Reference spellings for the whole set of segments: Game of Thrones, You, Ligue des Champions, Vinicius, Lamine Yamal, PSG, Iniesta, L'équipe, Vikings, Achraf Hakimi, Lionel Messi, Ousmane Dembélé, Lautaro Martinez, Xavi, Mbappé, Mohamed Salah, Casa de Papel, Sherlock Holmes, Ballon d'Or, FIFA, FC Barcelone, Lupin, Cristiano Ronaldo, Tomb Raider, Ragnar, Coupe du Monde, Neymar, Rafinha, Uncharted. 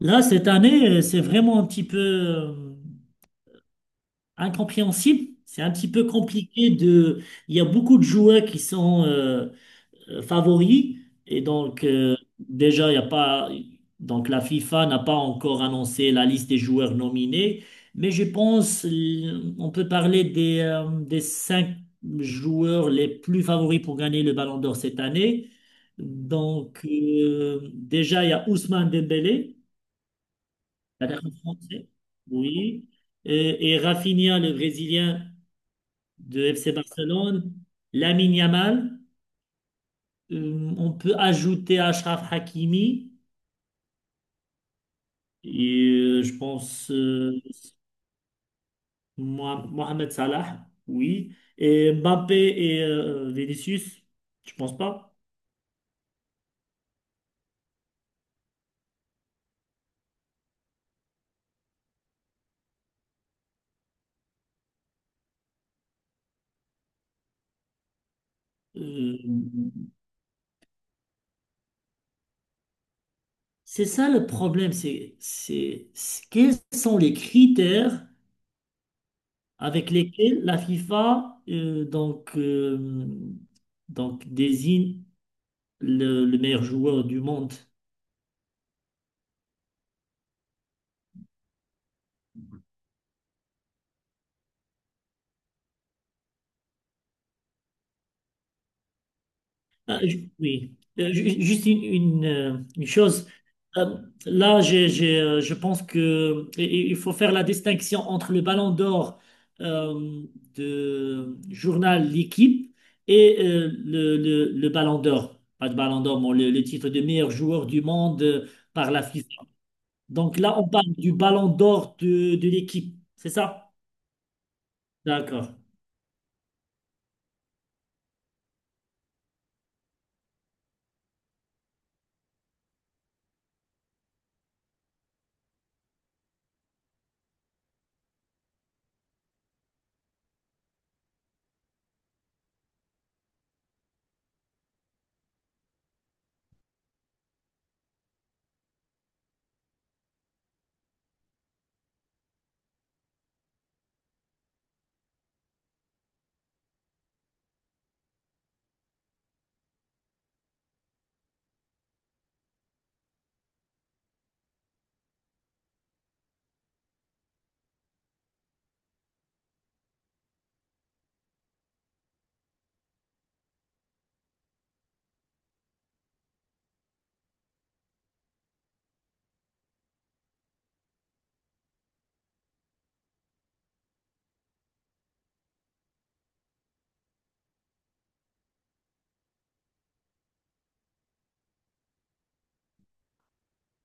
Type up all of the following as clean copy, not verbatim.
Là, cette année, c'est vraiment un petit peu incompréhensible. C'est un petit peu compliqué de... Il y a beaucoup de joueurs qui sont favoris. Et donc, déjà, il y a pas... Donc, la FIFA n'a pas encore annoncé la liste des joueurs nominés. Mais je pense on peut parler des cinq joueurs les plus favoris pour gagner le Ballon d'Or cette année. Donc, déjà, il y a Ousmane Dembélé, l'attaquant français, oui. Et Rafinha, le Brésilien de FC Barcelone. Lamine Yamal. On peut ajouter Achraf Hakimi. Et je pense Mohamed Salah, oui. Et Mbappé et Vinicius, je pense pas. Euh, c'est ça le problème, c'est quels sont les critères avec lesquels la FIFA donc désigne le meilleur joueur du monde. Ah, oui. Juste une chose. Euh, Là, j'ai, je pense que il faut faire la distinction entre le Ballon d'Or euh, de journal L'Équipe et le Ballon d'Or. Pas de Ballon d'Or, mais le titre de meilleur joueur du monde par la FIFA. Donc là, on parle du Ballon d'Or de l'Équipe, c'est ça? D'accord,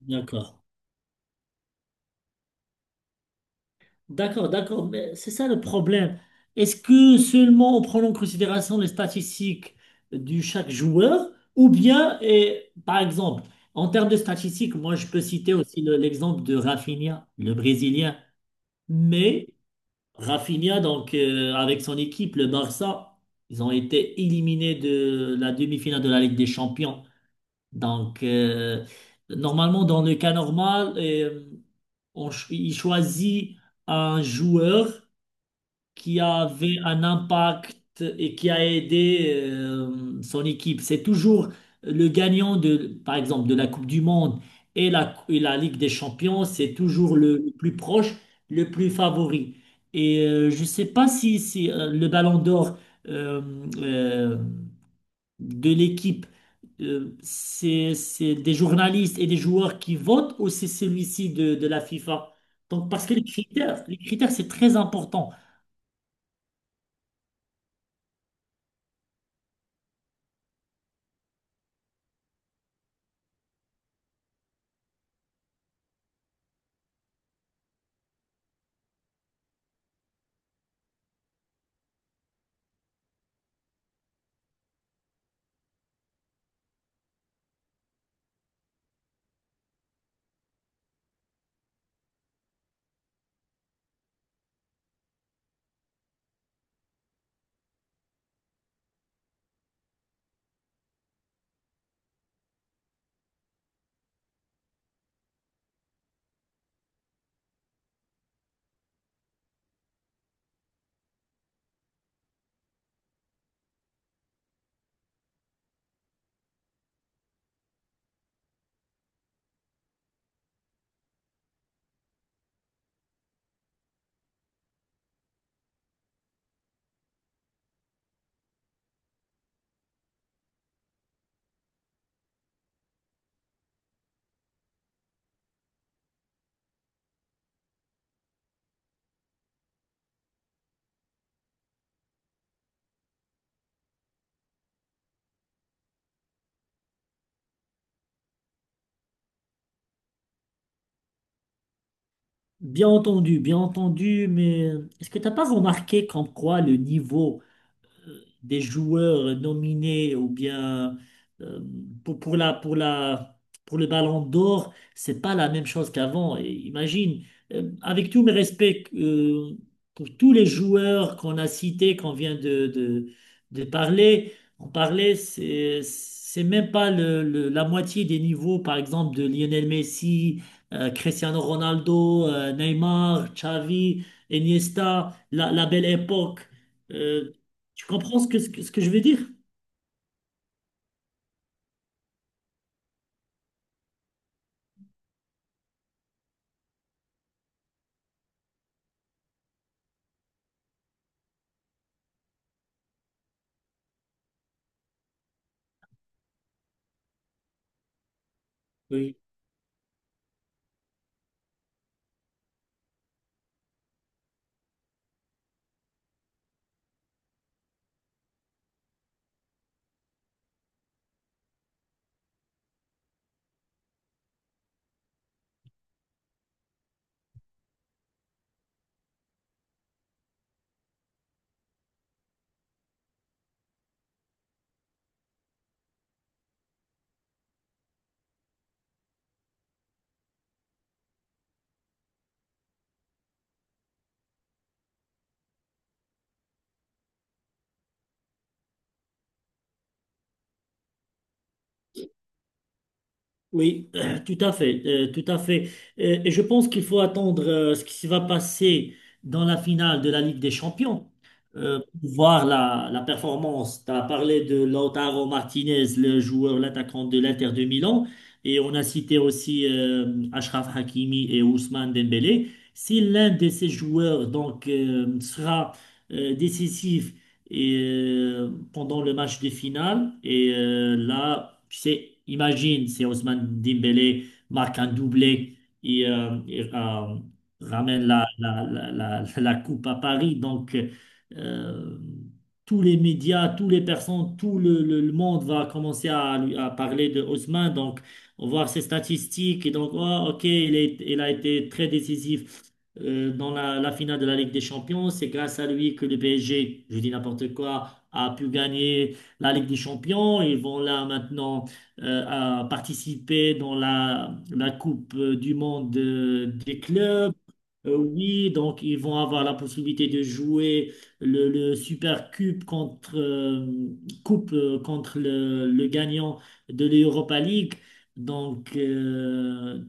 d'accord, d'accord. Mais c'est ça le problème. Est-ce que seulement on prend en considération les statistiques de chaque joueur ou bien, et, par exemple, en termes de statistiques, moi je peux citer aussi l'exemple de Rafinha, le Brésilien. Mais Rafinha, donc avec son équipe, le Barça, ils ont été éliminés de la demi-finale de la Ligue des Champions. Donc, normalement, dans le cas normal, on il choisit un joueur qui avait un impact et qui a aidé son équipe. C'est toujours le gagnant de, par exemple, de la Coupe du Monde et la Ligue des Champions. C'est toujours le plus proche, le plus favori. Et je ne sais pas si, le Ballon d'Or euh, euh, de l'Équipe, c'est des journalistes et des joueurs qui votent ou c'est celui-ci de la FIFA? Donc, parce que les critères, c'est très important. Bien entendu, mais est-ce que tu n'as pas remarqué comme quoi le niveau des joueurs nominés ou bien euh, pour, pour le Ballon d'Or, c'est pas la même chose qu'avant. Et imagine, avec tous mes respects pour tous les joueurs qu'on a cités, qu'on vient de parler, on parlait, c'est même pas la moitié des niveaux, par exemple, de Lionel Messi, Cristiano Ronaldo, Neymar, Xavi, Iniesta, la belle époque. Euh, tu comprends ce que, ce que je veux dire? Oui, oui, tout à fait, tout à fait. Et je pense qu'il faut attendre ce qui se va passer dans la finale de la Ligue des Champions pour voir la performance. Tu as parlé de Lautaro Martinez, le joueur, l'attaquant de l'Inter de Milan, et on a cité aussi Achraf Hakimi et Ousmane Dembélé. Si l'un de ces joueurs donc sera décisif et, pendant le match de finale. Et là, tu sais, imagine, c'est Ousmane Dembélé marque un doublé et, ramène la coupe à Paris. Donc, euh, tous les médias, toutes les personnes, tout le monde va commencer à, à parler de Ousmane. Donc, on voit ses statistiques et donc, oh, ok, il est, il a été très décisif dans la finale de la Ligue des Champions. C'est grâce à lui que le PSG, je dis n'importe quoi, a pu gagner la Ligue des Champions. Ils vont là maintenant à participer dans la Coupe du Monde des clubs. Oui, donc ils vont avoir la possibilité de jouer le Super Cup contre, coupe, contre le gagnant de l'Europa League. Donc,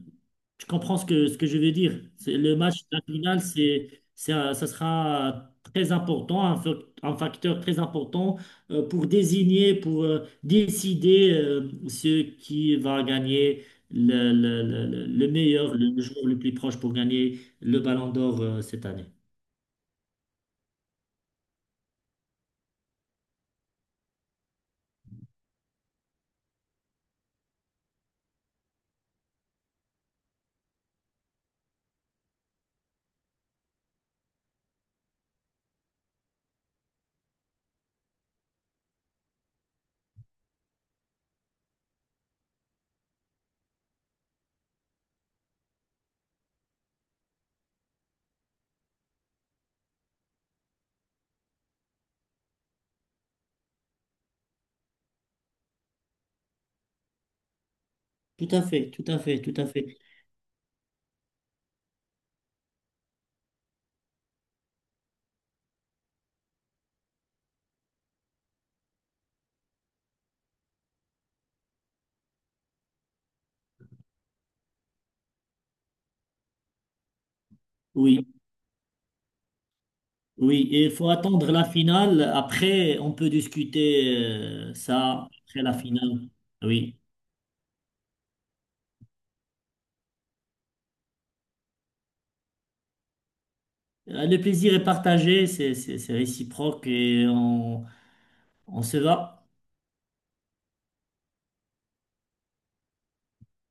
tu comprends ce que je veux dire. Le match de la finale, c'est ça sera très important, un facteur très important pour désigner, pour décider ce qui va gagner le meilleur, le joueur le plus proche pour gagner le Ballon d'Or cette année. Tout à fait, tout à fait, tout à fait. Oui, oui. Et il faut attendre la finale. Après, on peut discuter ça après la finale. Oui. Le plaisir est partagé, c'est c'est réciproque et on se va.